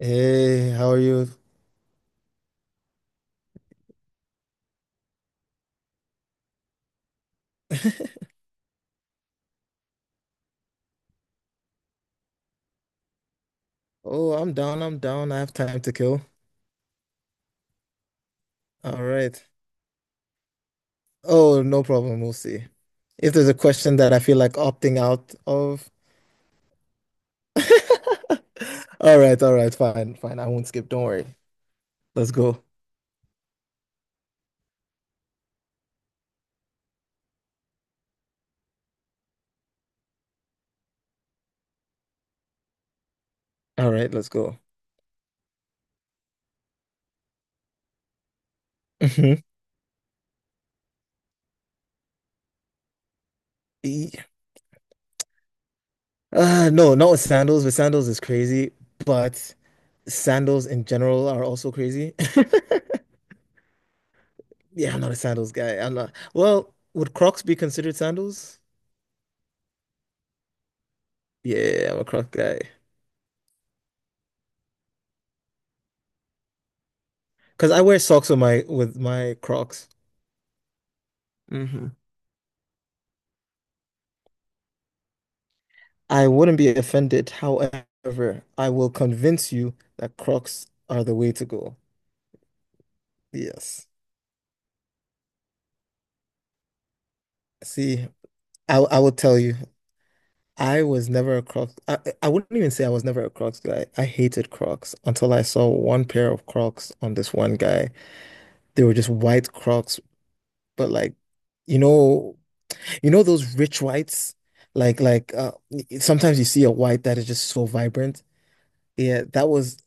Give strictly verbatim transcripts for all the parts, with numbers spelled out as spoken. Hey, how are you? Oh, I'm down. I'm down. I have time to kill. All right. Oh, no problem. We'll see. If there's a question that I feel like opting out of. All right. All right. Fine. Fine. I won't skip. Don't worry. Let's go. All right. Let's go. Mhm. E- Uh, no, not with sandals, but sandals is crazy. But sandals in general are also crazy. Yeah, I'm not a sandals guy. I'm not. Well, would Crocs be considered sandals? Yeah, I'm a Croc guy. Because I wear socks with my with my Crocs. Hmm. I wouldn't be offended. However, I will convince you that Crocs are the way to go. Yes. See, I I will tell you, I was never a Crocs. I, I wouldn't even say I was never a Crocs guy. I hated Crocs until I saw one pair of Crocs on this one guy. They were just white Crocs, but like, you know, you know those rich whites? Like like uh sometimes you see a white that is just so vibrant. Yeah, that was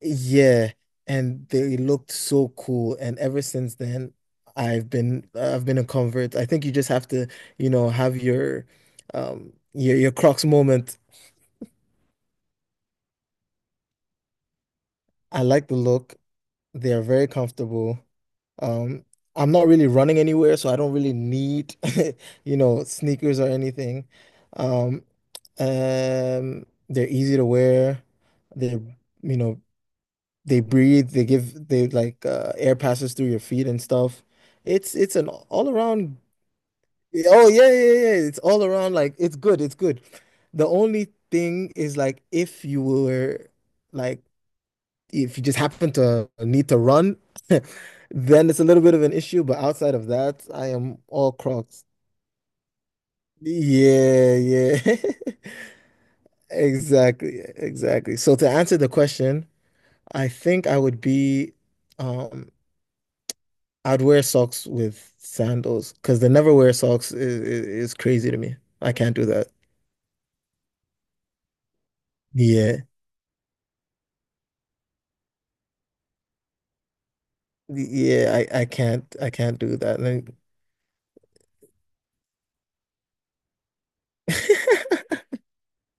Yeah, and they looked so cool. And ever since then, I've been I've been a convert. I think you just have to, you know, have your um your your Crocs moment. I like the look. They are very comfortable. Um, I'm not really running anywhere, so I don't really need, you know, sneakers or anything. Um, um, they're easy to wear. They're, you know, They breathe, they give they like uh, air passes through your feet and stuff. It's it's an all around. Oh, yeah, yeah, yeah. Yeah, it's all around, like, it's good, it's good. The only thing is, like, if you were like if you just happen to need to run, then it's a little bit of an issue, but outside of that, I am all Crocs. Yeah, yeah. Exactly, exactly. So to answer the question, I think I would be um I'd wear socks with sandals because they never wear socks is, is, is crazy to me. I can't do that. Yeah. Yeah, I, I can't I can't do that. Like,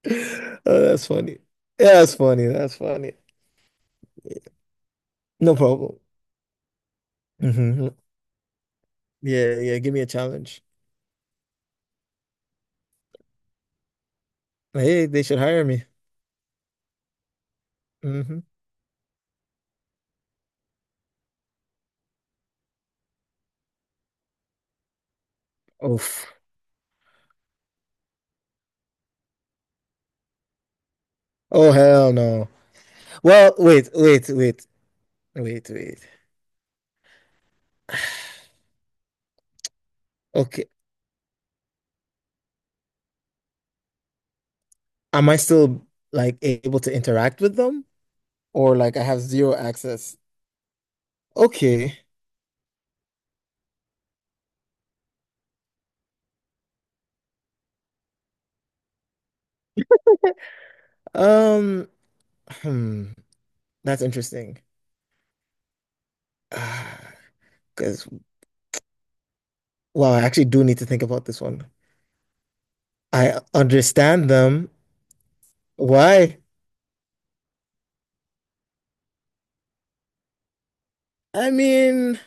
Oh, that's funny. Yeah, that's funny. That's funny. No problem. Hmm. Yeah, yeah. Give me a challenge. Hey, they should hire me. Hmm. Oof. Oh, hell no. Well, wait, wait, wait, wait, wait. Okay. Am I still, like, able to interact with them? Or, like, I have zero access? Okay. Um, hmm, that's interesting. Because, wow, I actually do need to think about this one. I understand them. Why? I mean,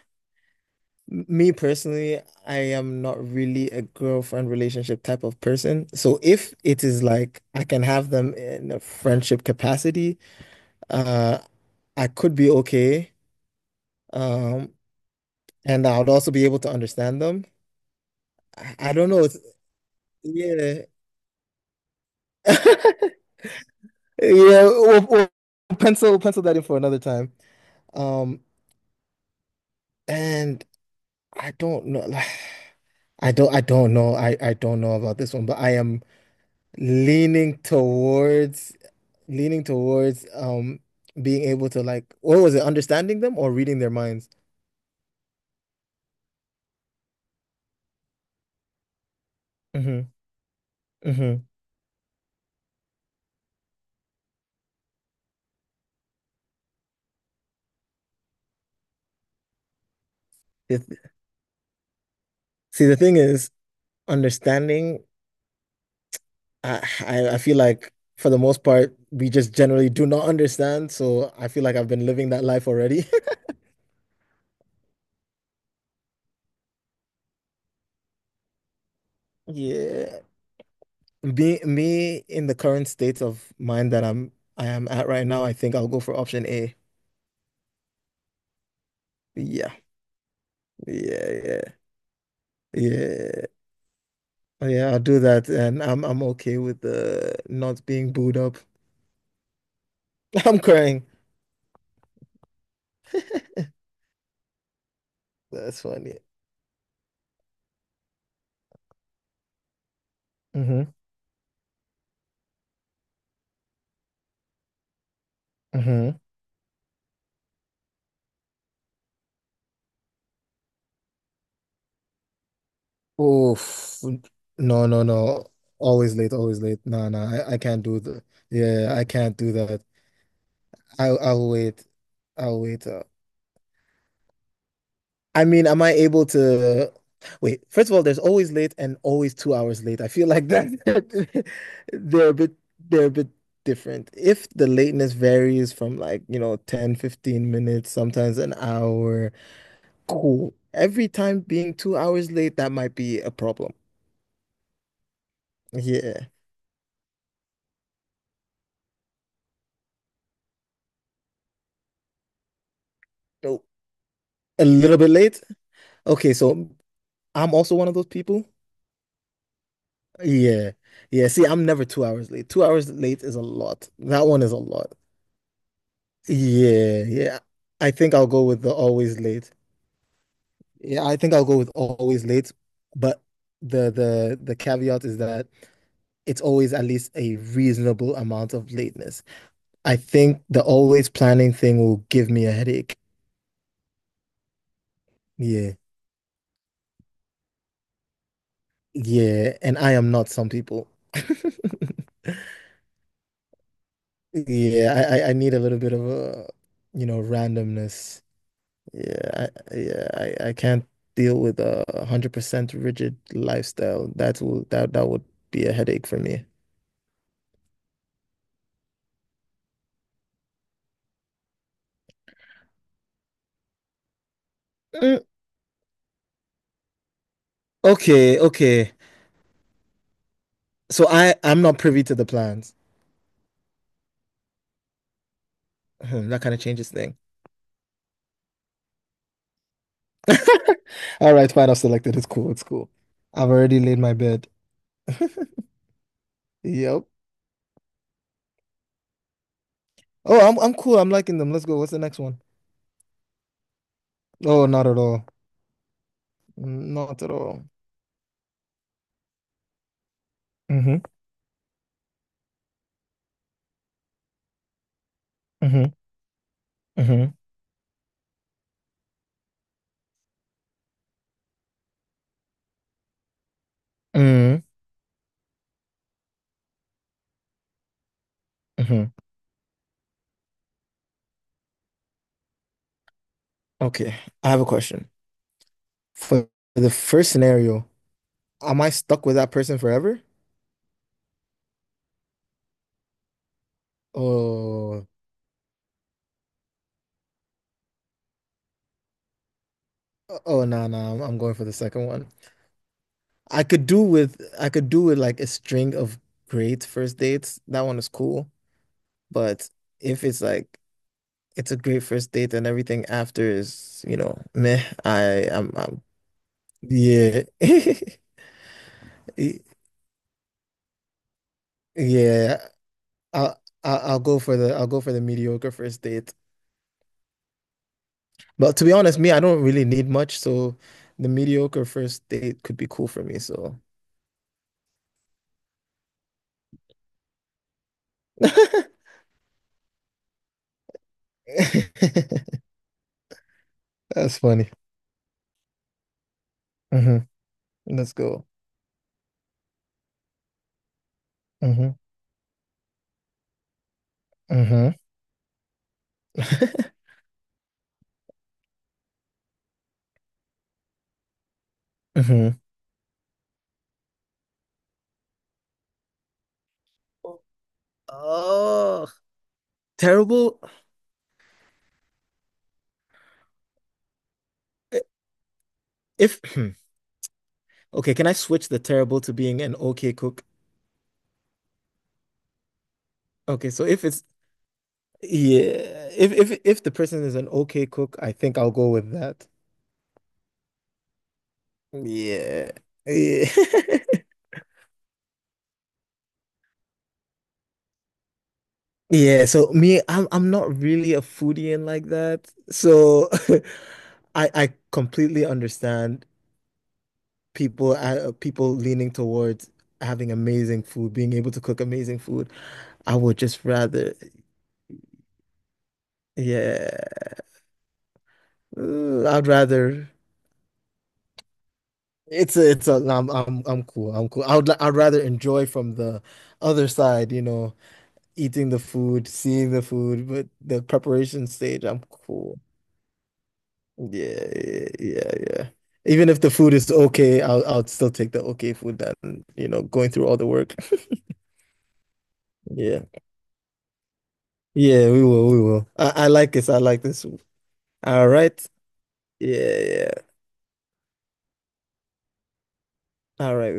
m- me personally, I am not really a girlfriend relationship type of person. So if it is like I can have them in a friendship capacity, uh, I could be okay. Um, and I would also be able to understand them. I, I don't know. It's, yeah. Yeah, we'll, we'll pencil pencil that in for another time. Um, and I don't know, like, I don't, I don't know, I, I don't know about this one, but I am leaning towards, leaning towards, um, being able to, like, what was it, understanding them or reading their minds? Hmm. Hmm. See, the thing is, understanding, I, I, I feel like for the most part, we just generally do not understand, so I feel like I've been living that life already. Yeah. Me, me in the current state of mind that I'm I am at right now, I think I'll go for option A. Yeah, yeah, yeah, yeah, yeah. I'll do that, and I'm I'm okay with the not being booed up. I'm crying. That's funny. Hmm. Hmm. Oof. No, no, no. Always late, always late. No, no. I, I can't do the. Yeah, I can't do that. I I'll wait. I'll wait. uh, I mean, am I able to wait? First of all, there's always late and always two hours late. I feel like that they're a bit they're a bit different. If the lateness varies from, like, you know, ten, fifteen minutes, sometimes an hour, cool. Every time being two hours late, that might be a problem. Yeah. So a little bit late. Okay, so I'm also one of those people. Yeah. Yeah. See, I'm never two hours late. Two hours late is a lot. That one is a lot. Yeah, yeah. I think I'll go with the always late. Yeah, I think I'll go with always late, but the the the caveat is that it's always at least a reasonable amount of lateness. I think the always planning thing will give me a headache. Yeah. Yeah, and I am not some people. Yeah, I I I need a little bit of a, you know, randomness. Yeah, I, yeah, I, I can't deal with a one hundred percent rigid lifestyle. That will that that would be a headache for me. Mm, okay, okay. So I I'm not privy to the plans. Hmm, that kind of changes thing. All right, fine. I've selected. It's cool. It's cool. I've already laid my bed. Yep. Oh, I'm I'm cool. I'm liking them. Let's go. What's the next one? Oh, not at all. Not at all. Mm-hmm. Mm-hmm. Mm-hmm. Mm-hmm. Mm-hmm. Okay. I have a question. For the first scenario. Am I stuck with that person forever? Oh, oh no, no, I'm, I'm going for the second one. I could do with I could do with, like, a string of great first dates. That one is cool. But if it's like it's a great first date and everything after is, you know, meh, I I'm, I'm yeah. Y- Yeah. I'll, I'll I'll go for the I'll go for the mediocre first date. But to be honest, me, I don't really need much, so the mediocre first date could be cool for me, so. That's funny. Hmm. Let's go. Hmm. Hmm. Hmm. Oh, terrible. I- If okay, can I switch the terrible to being an okay cook? Okay, so if it's yeah, if if if the person is an okay cook, I think I'll go with that. Yeah. Yeah. Yeah, so me, I'm I'm not really a foodie and like that. So I I completely understand people uh, people leaning towards having amazing food, being able to cook amazing food. I would just rather, yeah, Ooh, I'd rather. It's a, it's a, I'm, I'm, I'm cool. I'm cool. I would, li- I'd rather enjoy from the other side, you know, eating the food, seeing the food, but the preparation stage, I'm cool. Yeah, yeah, yeah, yeah. Even if the food is okay, I'll, I'll still take the okay food than, you know, going through all the work. Yeah. Yeah, we will, we will. I, I like this. I like this. All right. Yeah, yeah. Yeah. All right.